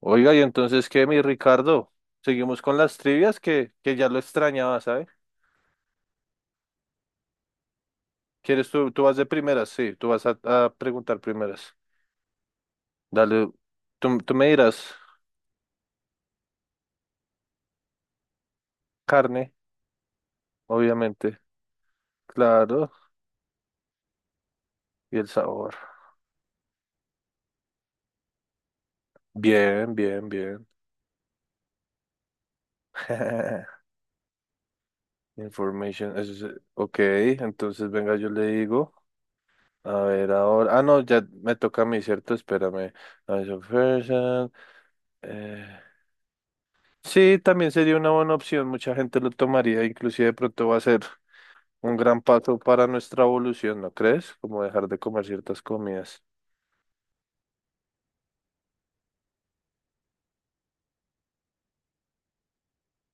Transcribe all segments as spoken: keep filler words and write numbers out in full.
Oiga, y entonces, ¿qué, mi Ricardo? Seguimos con las trivias que, que ya lo extrañaba, ¿sabes? ¿Quieres tú, tú vas de primeras? Sí, tú vas a, a preguntar primeras. Dale, tú, tú me dirás carne, obviamente, claro, y el sabor. Bien, bien, bien. Information, eso es- ok, entonces venga, yo le digo. A ver, ahora. Ah, no, ya me toca a mí, ¿cierto? Espérame. A ver, so person. Sí, también sería una buena opción, mucha gente lo tomaría, inclusive de pronto va a ser un gran paso para nuestra evolución, ¿no crees? Como dejar de comer ciertas comidas.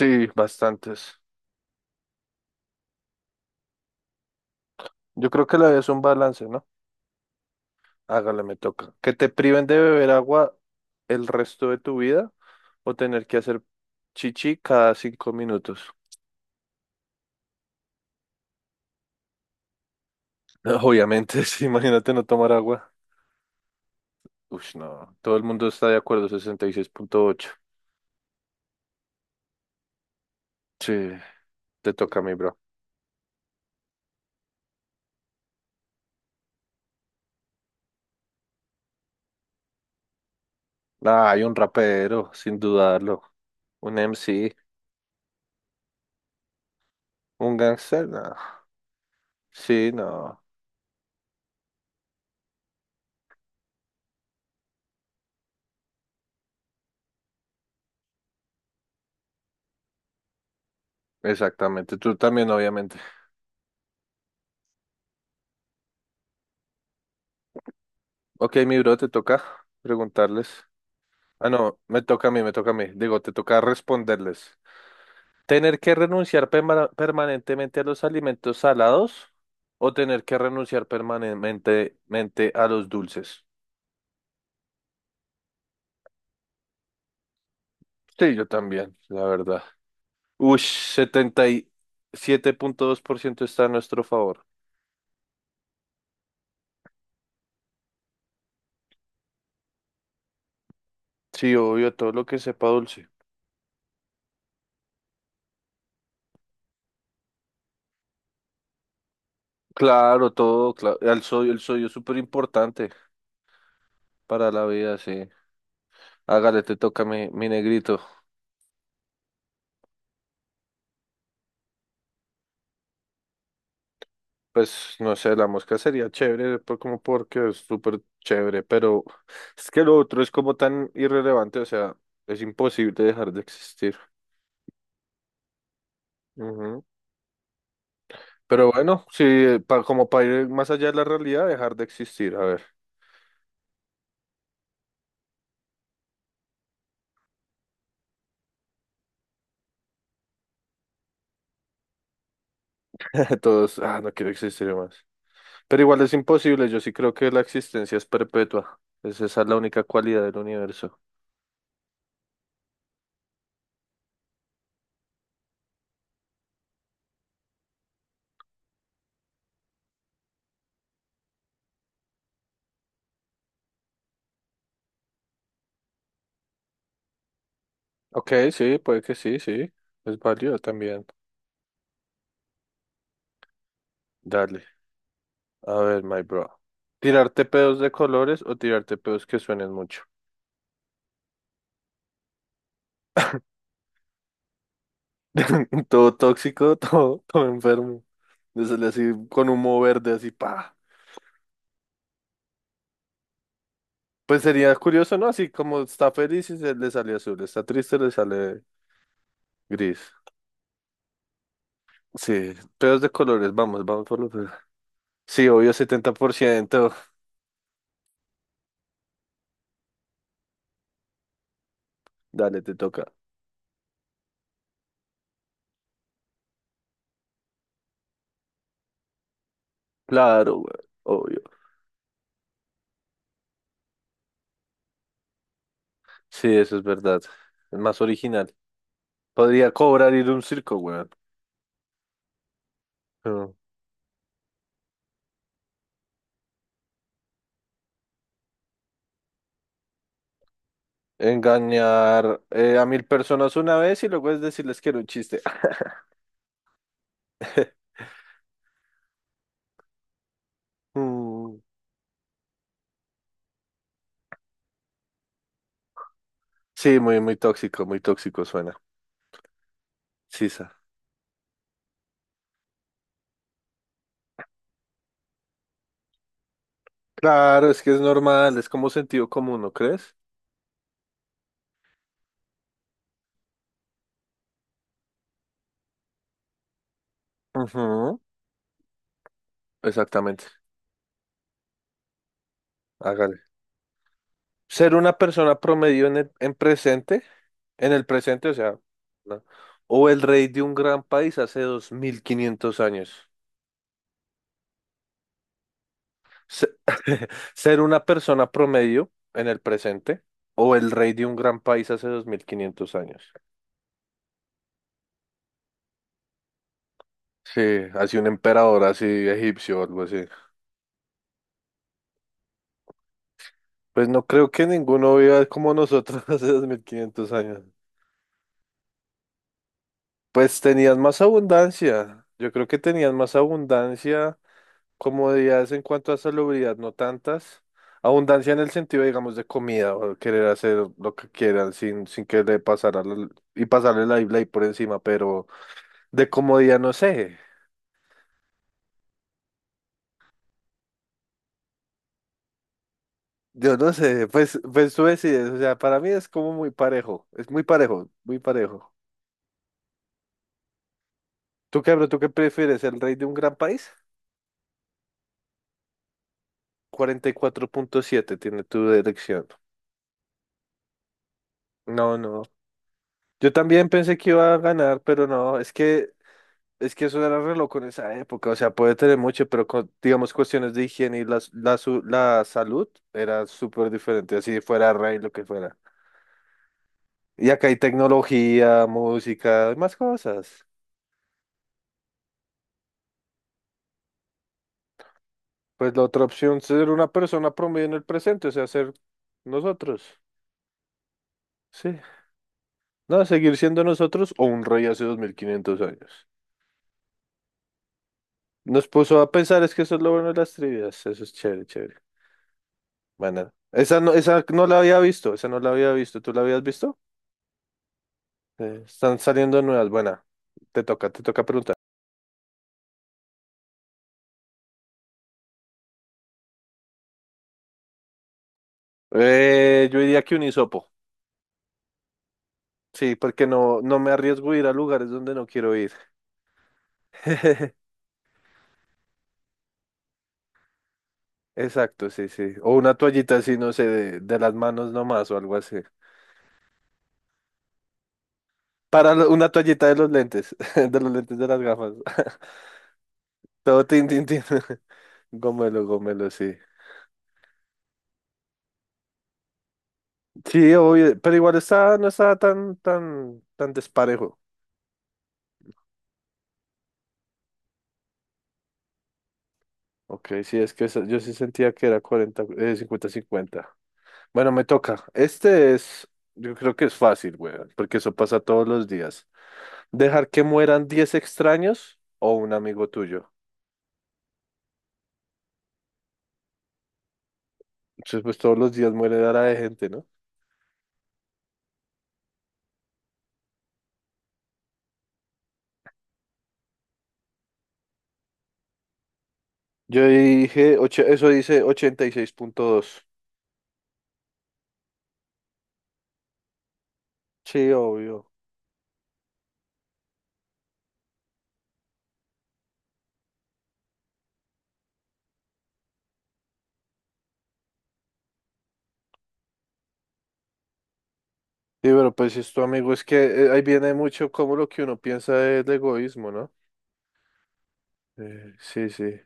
Sí, bastantes. Yo creo que la vida es un balance, ¿no? Hágale, me toca. Que te priven de beber agua el resto de tu vida o tener que hacer chichi cada cinco minutos. No, obviamente, sí, imagínate no tomar agua. Ush, no, todo el mundo está de acuerdo, sesenta y seis punto ocho. Sí, te toca a mí, bro. Ah, hay un rapero, sin dudarlo. Un M C, un gangster, no. Sí, no. Exactamente. Tú también, obviamente. Ok, mi bro, te toca preguntarles. Ah, no, me toca a mí, me toca a mí. Digo, te toca responderles. ¿Tener que renunciar perma- permanentemente a los alimentos salados o tener que renunciar permanentemente a los dulces? Sí, yo también, la verdad. Ush, ciento está a nuestro favor. Sí, obvio, todo lo que sepa dulce. Claro, todo, claro. El sodio, el sodio es súper importante para la vida, sí. Hágale, te toca mi, mi negrito. Pues no sé, la mosca sería chévere, por- como porque es súper chévere, pero es que lo otro es como tan irrelevante, o sea, es imposible dejar de existir. Ujú. Pero bueno, sí, eh, pa- como para ir más allá de la realidad, dejar de existir, a ver. Todos, ah, no quiero existir más. Pero igual es imposible, yo sí creo que la existencia es perpetua. Es Esa es la única cualidad del universo. Ok, sí, puede que sí, sí. Es válido también. Dale. A ver, my bro. ¿Tirarte pedos de colores o tirarte pedos que suenen mucho? Todo tóxico, todo, todo enfermo. Le sale así con humo verde, así, pa. Pues sería curioso, ¿no? Así como está feliz y se le sale azul, está triste, le sale gris. Sí, pedos de colores, vamos, vamos por los pedos. Sí, obvio, setenta por ciento. Dale, te toca. Claro, güey, obvio. Sí, eso es verdad. Es más original. Podría cobrar ir a un circo, weón. Pero engañar eh, a mil personas una vez y luego es decirles que era un chiste. Mm, sí, muy, muy tóxico, muy tóxico suena. Sisa. Claro, es que es normal, es como sentido común, ¿no crees? Ujú, exactamente. Hágale. Ser una persona promedio en el- en presente, en el presente, o sea, ¿no? O el rey de un gran país hace dos mil quinientos años. Se- Ser una persona promedio en el presente o el rey de un gran país hace dos mil quinientos años. Sí, así un emperador así egipcio o algo así. Pues no creo que ninguno viva como nosotros hace dos mil quinientos años. Pues tenían más abundancia. Yo creo que tenían más abundancia, comodidades en cuanto a salubridad, no tantas. Abundancia en el sentido, digamos, de comida o querer hacer lo que quieran sin, sin, que le pasara la- y pasarle la ley por encima, pero de comodidad, no sé. Yo no sé, pues, pues tú decides. O sea, para mí es como muy parejo. Es muy parejo, muy parejo. ¿Tú qué, bro? ¿Tú qué prefieres? ¿El rey de un gran país? Cuarenta y cuatro punto siete tiene tu elección. No, no. Yo también pensé que iba a ganar, pero no. Es que, es que eso era reloj con esa época. O sea, puede tener mucho, pero con, digamos, cuestiones de higiene y la, la, su- la salud era súper diferente. Así fuera rey, lo que fuera. Y acá hay tecnología, música y más cosas. Pues la otra opción, ser una persona promedio en el presente, o sea, ser nosotros. Sí. No, seguir siendo nosotros o un rey hace dos mil quinientos años. Nos puso a pensar, es que eso es lo bueno de las trivias. Eso es chévere, chévere. Bueno, esa no, esa no la había visto, esa no la había visto. ¿Tú la habías visto? Eh, están saliendo nuevas. Buena, te toca, te toca preguntar. Eh, yo diría que un hisopo. Sí, porque no, no me arriesgo a ir a lugares donde no quiero ir. Exacto, sí, sí. O una toallita así, no sé, de, de las manos nomás o algo así. Para lo- una toallita de los lentes, de los lentes de las gafas. Todo tin, tin, tin. Gomelo, gomelo, sí. Sí, obvio, pero igual está, no estaba tan, tan, tan desparejo. Ok, sí, es que esa- yo sí sentía que era cuarenta, eh, cincuenta cincuenta. Bueno, me toca. Este es, yo creo que es fácil, weón, porque eso pasa todos los días. ¿Dejar que mueran diez extraños o un amigo tuyo? Entonces, pues todos los días muere dara de gente, ¿no? Yo dije, ocho- eso dice ochenta y seis punto dos, sí, obvio. Sí, pero pues esto, amigo, es que eh, ahí viene mucho como lo que uno piensa del egoísmo, ¿no? Eh, sí, sí.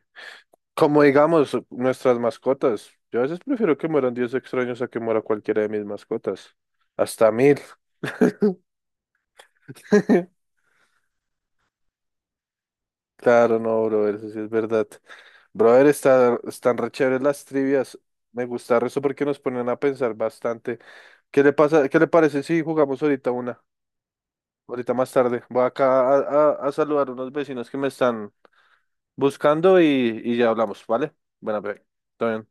Como digamos, nuestras mascotas. Yo a veces prefiero que mueran diez extraños a que muera cualquiera de mis mascotas. Hasta mil. Claro, no, brother, eso sí es verdad. Brother, está, están re chéveres las trivias. Me gusta eso porque nos ponen a pensar bastante. ¿Qué le pasa? ¿Qué le parece si jugamos ahorita una? Ahorita más tarde. Voy acá a, a- a saludar a unos vecinos que me están buscando y, y ya hablamos, ¿vale? Bueno, pues, todo bien.